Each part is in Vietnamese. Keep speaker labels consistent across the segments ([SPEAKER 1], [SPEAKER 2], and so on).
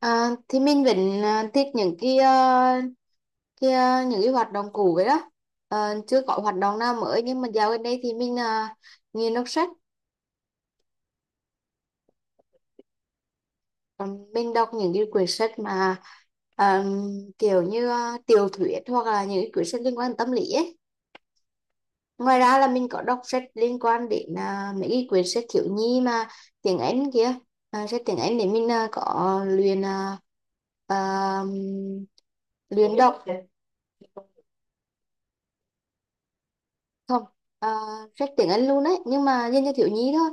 [SPEAKER 1] À, thì mình vẫn à, thích những cái à, những cái hoạt động cũ vậy đó. Ờ, chưa có hoạt động nào mới nhưng mà dạo gần đây thì mình à, đọc sách. Ờ, mình đọc những cái quyển sách mà à, kiểu như à, tiểu thuyết hoặc là những cái quyển sách liên quan đến tâm lý ấy. Ngoài ra là mình có đọc sách liên quan đến à, mấy cái quyển sách thiếu nhi mà tiếng Anh kia, à, sách tiếng Anh để mình à, có luyện à, à, luyện đọc. Không, sách tiếng Anh luôn đấy nhưng mà dành cho thiếu nhi thôi.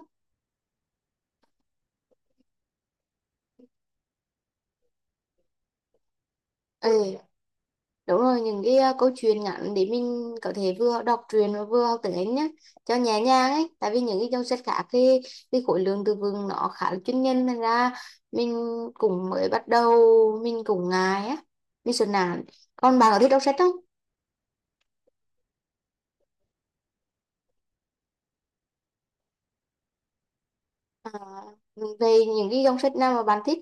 [SPEAKER 1] Ừ, đúng rồi, những cái à, câu chuyện ngắn để mình có thể vừa đọc truyện và vừa học tiếng Anh nhé, cho nhẹ nhàng ấy, tại vì những cái dòng sách khác thì cái khối lượng từ vựng nó khá là chuyên nhân nên ra mình cũng mới bắt đầu, mình cũng ngại á, mình sợ nản. Còn bạn có thích đọc sách không? À, về những cái dòng sách nào mà bạn thích?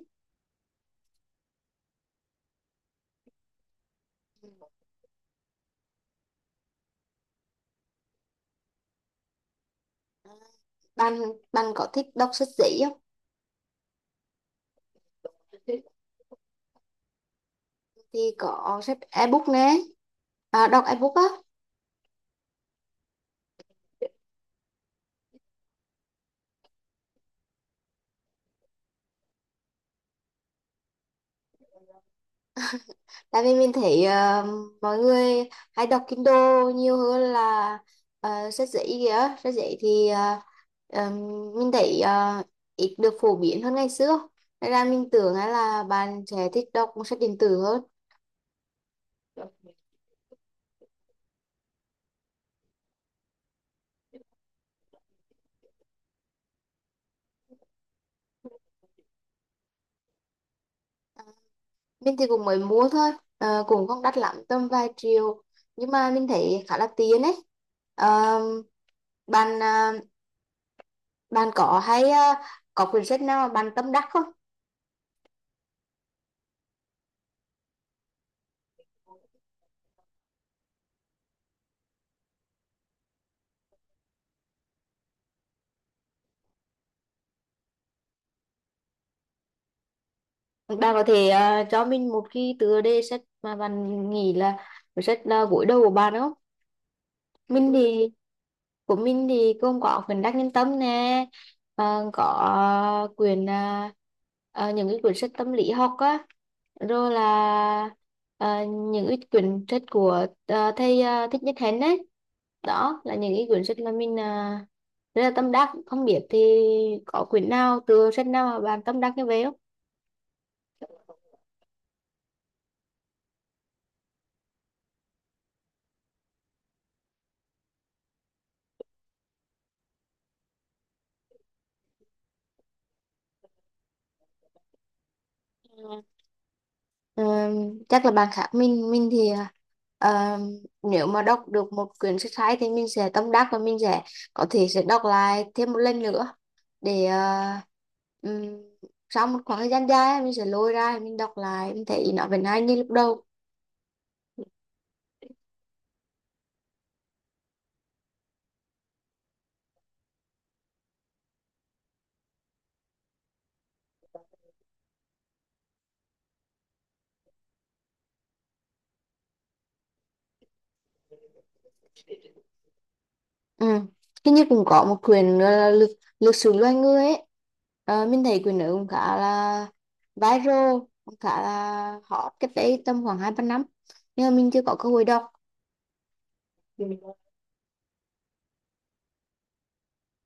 [SPEAKER 1] Bạn bạn có thích đọc sách giấy không? Thì có sách ebook nè, à, đọc ebook á. Tại vì mình thấy ờ, mọi người hay đọc Kindle nhiều hơn là ờ, sách giấy kìa. Sách giấy thì ờ, ờ, mình thấy ờ, ít được phổ biến hơn ngày xưa. Nên là mình tưởng á là bạn sẽ thích đọc sách điện tử hơn. Mình thì cũng mới mua thôi, ờ, cũng không đắt lắm, tầm vài triệu. Nhưng mà mình thấy khá là tiện ấy. Ờ, ờ, bạn có hay ờ, có quyển sách nào mà bạn tâm đắc không? Bà có thể ờ, cho mình một cái tựa đề sách mà bạn nghĩ là cuốn sách gối đầu của bạn không? Mình thì của mình thì gồm có quyển Đắc Nhân Tâm nè, ờ, có ờ, quyển ờ, ờ, những cái quyển sách tâm lý học á, rồi là ờ, những cái quyển sách của ờ, thầy ờ, Thích Nhất Hạnh đấy. Đó là những cái quyển sách mà mình ờ, rất là tâm đắc. Không biết thì có quyển nào, tựa sách nào mà bạn tâm đắc như vậy không? Ờ, chắc là bạn khác mình thì ờ, nếu mà đọc được một quyển sách hay thì mình sẽ tâm đắc và mình sẽ có thể sẽ đọc lại thêm một lần nữa, để ờ, ừm, sau một khoảng thời gian dài mình sẽ lôi ra mình đọc lại mình thấy nó vẫn hay như lúc đầu. Ừ. Hình như cũng có một quyển nữa là lực lực sử loài người ấy. Ờ, mình thấy quyển đó cũng khá là viral, cũng khá là hot cách đây tầm khoảng hai ba năm. Nhưng mà mình chưa có cơ hội đọc.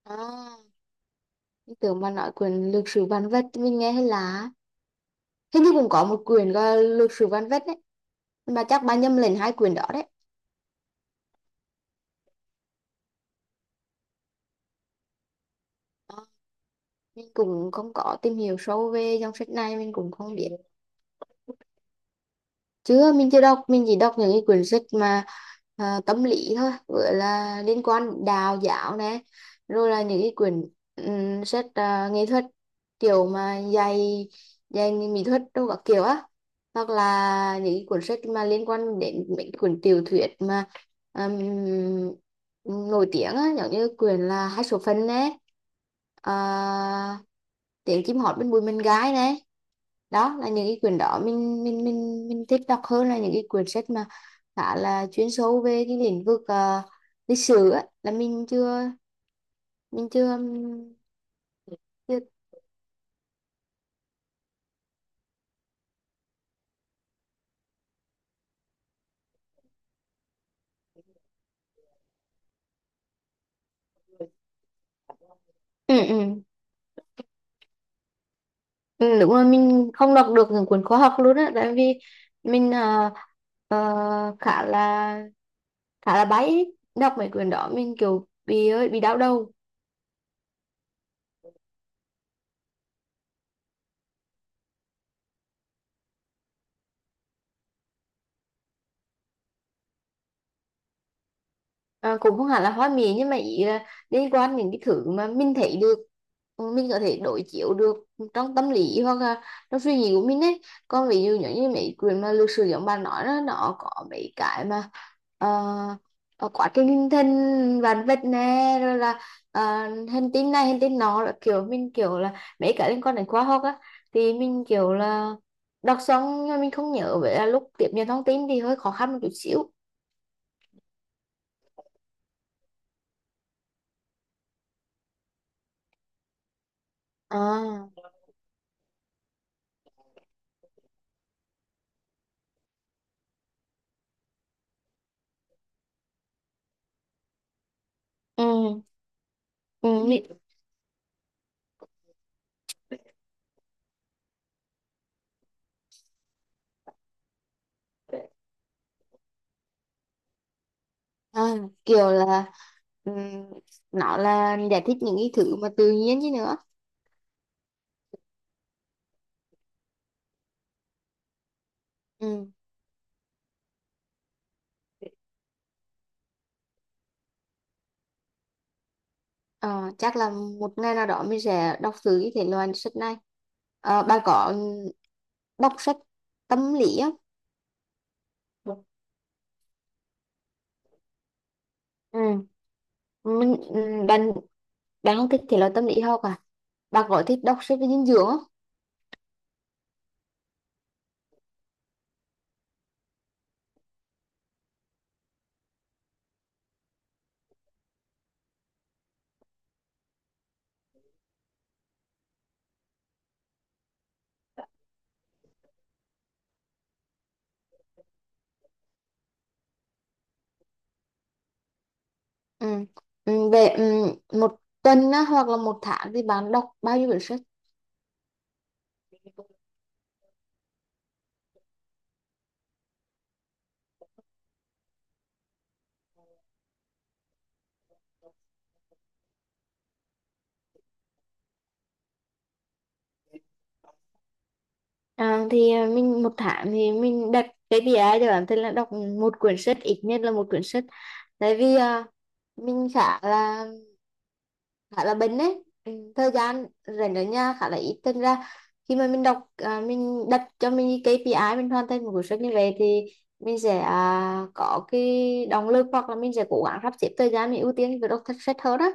[SPEAKER 1] À, mình tưởng mà nói quyển lược sử vạn vật thì mình nghe hay là hình như cũng có một quyển gọi là lược sử vạn vật đấy. Mà chắc bạn nhầm lẫn hai quyển đó đấy. Ờ, mình cũng không có tìm hiểu sâu về dòng sách này, mình cũng không biết. Chứ mình chưa đọc, mình chỉ đọc những cái quyển sách mà à, tâm lý thôi, gọi là liên quan đến đạo giáo nè, rồi là những cái quyển sách à, nghệ thuật, kiểu mà dạy dạy mỹ thuật đâu các kiểu á, hoặc là những cái cuốn sách mà liên quan đến mấy cái cuốn tiểu thuyết mà ừm, nổi tiếng á, giống như quyển là hai số phận nè, à, tiếng chim hót bên bụi mình gái nè. Đó là những cái quyển đó mình thích đọc hơn là những cái quyển sách mà khá là chuyên sâu về cái lĩnh vực ờ, lịch sử á, là mình chưa mình chưa ừm, chưa. Ừ, ừ. Ừ, đúng rồi, mình không đọc được những cuốn khoa học luôn á, tại vì mình ờ, ờ, khá là bay ấy. Đọc mấy quyển đó mình kiểu bị ơi bị đau đầu. À, cũng không hẳn là hoa mỹ nhưng mà ý là liên quan những cái thứ mà mình thấy được, ừ, mình có thể đối chiếu được trong tâm lý hoặc là trong suy nghĩ của mình ấy. Còn ví dụ giống như mấy quyển mà lược sử giống bạn nói đó nó có mấy cái mà quá trình hình thành vạn vật nè rồi là hành tinh này hành tinh nọ là kiểu mình kiểu là mấy cái liên quan đến khoa học á, thì mình kiểu là đọc xong nhưng mà mình không nhớ, vậy là lúc tiếp nhận thông tin thì hơi khó khăn một chút xíu. À, ừ, ừ. À, kiểu là ừm, nó là giải thích những cái thứ mà tự nhiên chứ nữa. Ừm. Ờ, chắc là một ngày nào đó mình sẽ đọc thử cái thể loại sách này. Ờ, bà có đọc sách tâm lý không? Ừ, mình ừ, bạn bạn không thích thể loại tâm lý học à? Bà có thích đọc sách về dinh dưỡng không? Ừ. Ừ, về ừ, một tuần á, hoặc là một tháng thì bạn đọc bao nhiêu quyển sách? À, thì à, mình một tháng thì mình đặt cái KPI cho bản thân là đọc một quyển sách, ít nhất là một quyển sách, tại vì à, mình khá là bận đấy. Ừ, thời gian rảnh ở nhà khá là ít, thành ra khi mà mình đọc à, mình đặt cho mình cái KPI mình hoàn thành một cuốn sách như vậy thì mình sẽ à, có cái động lực hoặc là mình sẽ cố gắng sắp xếp thời gian mình ưu tiên việc đọc sách sách hơn đó,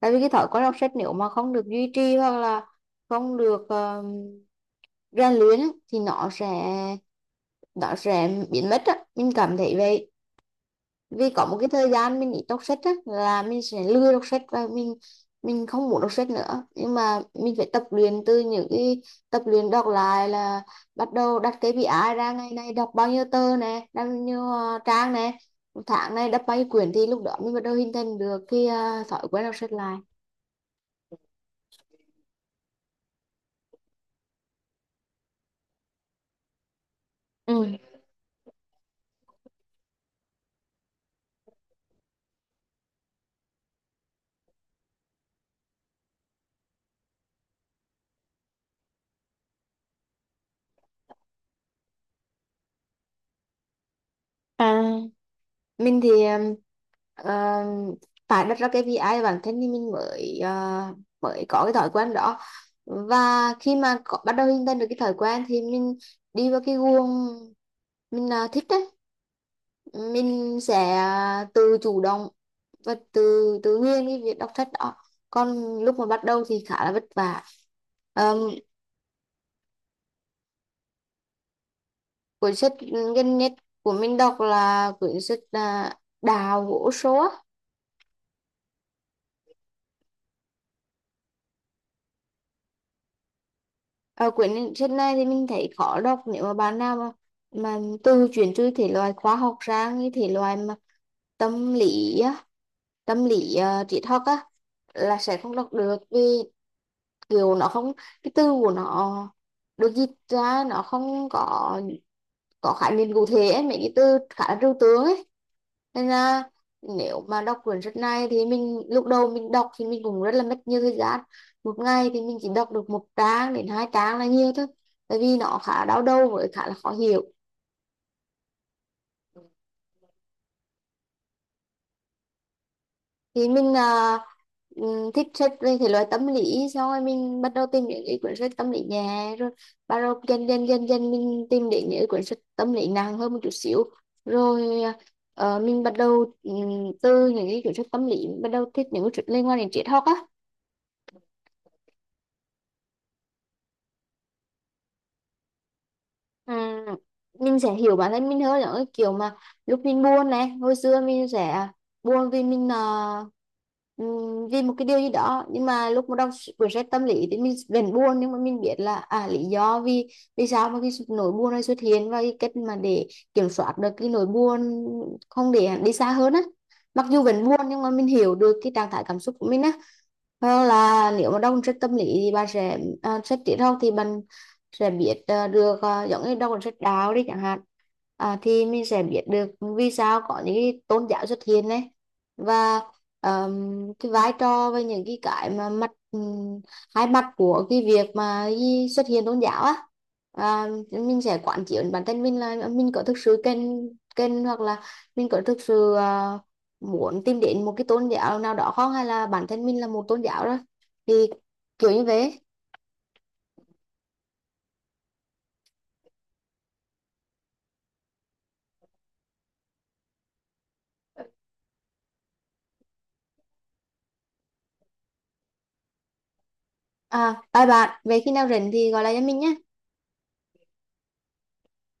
[SPEAKER 1] tại vì cái thói quen đọc sách nếu mà không được duy trì hoặc là không được ờ, rèn luyện á, thì nó sẽ biến mất á, mình cảm thấy vậy. Vì có một cái thời gian mình ít đọc sách á là mình sẽ lười đọc sách và mình không muốn đọc sách nữa, nhưng mà mình phải tập luyện từ những cái tập luyện đọc lại là bắt đầu đặt KPI ra, ngày nay đọc bao nhiêu tờ nè, bao nhiêu ờ, trang nè, tháng này đọc bao nhiêu quyển, thì lúc đó mình bắt đầu hình thành được cái ờ, thói quen đọc sách lại. Ừ. À, mình thì um, phải đặt ra cái vi ai bản thân thì mình mới mới có cái thói quen đó, và khi mà có, bắt đầu hình thành được cái thói quen thì mình đi vào cái guồng, mình thích đấy, mình sẽ tự chủ động và tự tự nhiên cái việc đọc sách đó, còn lúc mà bắt đầu thì khá là vất vả. um, Cuốn sách gần nhất của mình đọc là cuốn sách à, Đào gỗ số. Ờ, quyển sách này thì mình thấy khó đọc, nếu mà bạn nào mà từ chuyển từ thể loại khoa học sang cái thể loại mà tâm lý á, tâm lý triết học á, là sẽ không đọc được, vì kiểu nó không, cái từ của nó được dịch ra nó không có có khái niệm cụ thể ấy, mấy cái từ khá là trừu tượng ấy, nên là nếu mà đọc quyển sách này thì mình lúc đầu mình đọc thì mình cũng rất là mất nhiều thời gian, một ngày thì mình chỉ đọc được một trang đến hai trang là nhiều thôi, tại vì nó khá đau đầu với khá là khó hiểu. Thì mình à, thích sách về thể loại tâm lý, xong rồi mình bắt đầu tìm những cái cuốn sách tâm lý nhẹ rồi bắt đầu dần dần dần dần mình tìm đến những cái cuốn sách tâm lý nặng hơn một chút xíu, rồi à, ờ, mình bắt đầu từ những cái cuốn sách tâm lý bắt đầu thích những cuốn sách liên quan đến triết học á. Ừ, mình sẽ hiểu bản thân mình hơn, những cái kiểu mà lúc mình buồn này, hồi xưa mình sẽ buồn vì mình ờ, vì một cái điều gì đó, nhưng mà lúc mà đọc quyển sách tâm lý thì mình vẫn buồn nhưng mà mình biết là à, lý do vì vì sao mà cái nỗi buồn này xuất hiện và cái cách mà để kiểm soát được cái nỗi buồn, không để đi xa hơn á, mặc dù vẫn buồn nhưng mà mình hiểu được cái trạng thái cảm xúc của mình á. Hoặc là nếu mà đọc sách tâm lý thì bạn sẽ à, sách triết học thì bạn sẽ biết ờ, được ờ, giống như đọc sách đạo đi chẳng hạn, à, thì mình sẽ biết được vì sao có những cái tôn giáo xuất hiện đấy và ờm, cái vai trò với những cái mà mặt hai mặt của cái việc mà cái xuất hiện tôn giáo á, à, mình sẽ quán chiếu bản thân mình là mình có thực sự cần cần hoặc là mình có thực sự ờ, muốn tìm đến một cái tôn giáo nào đó không, hay là bản thân mình là một tôn giáo rồi, thì kiểu như thế. À, bye bạn, về khi nào rảnh thì gọi lại cho mình nhé.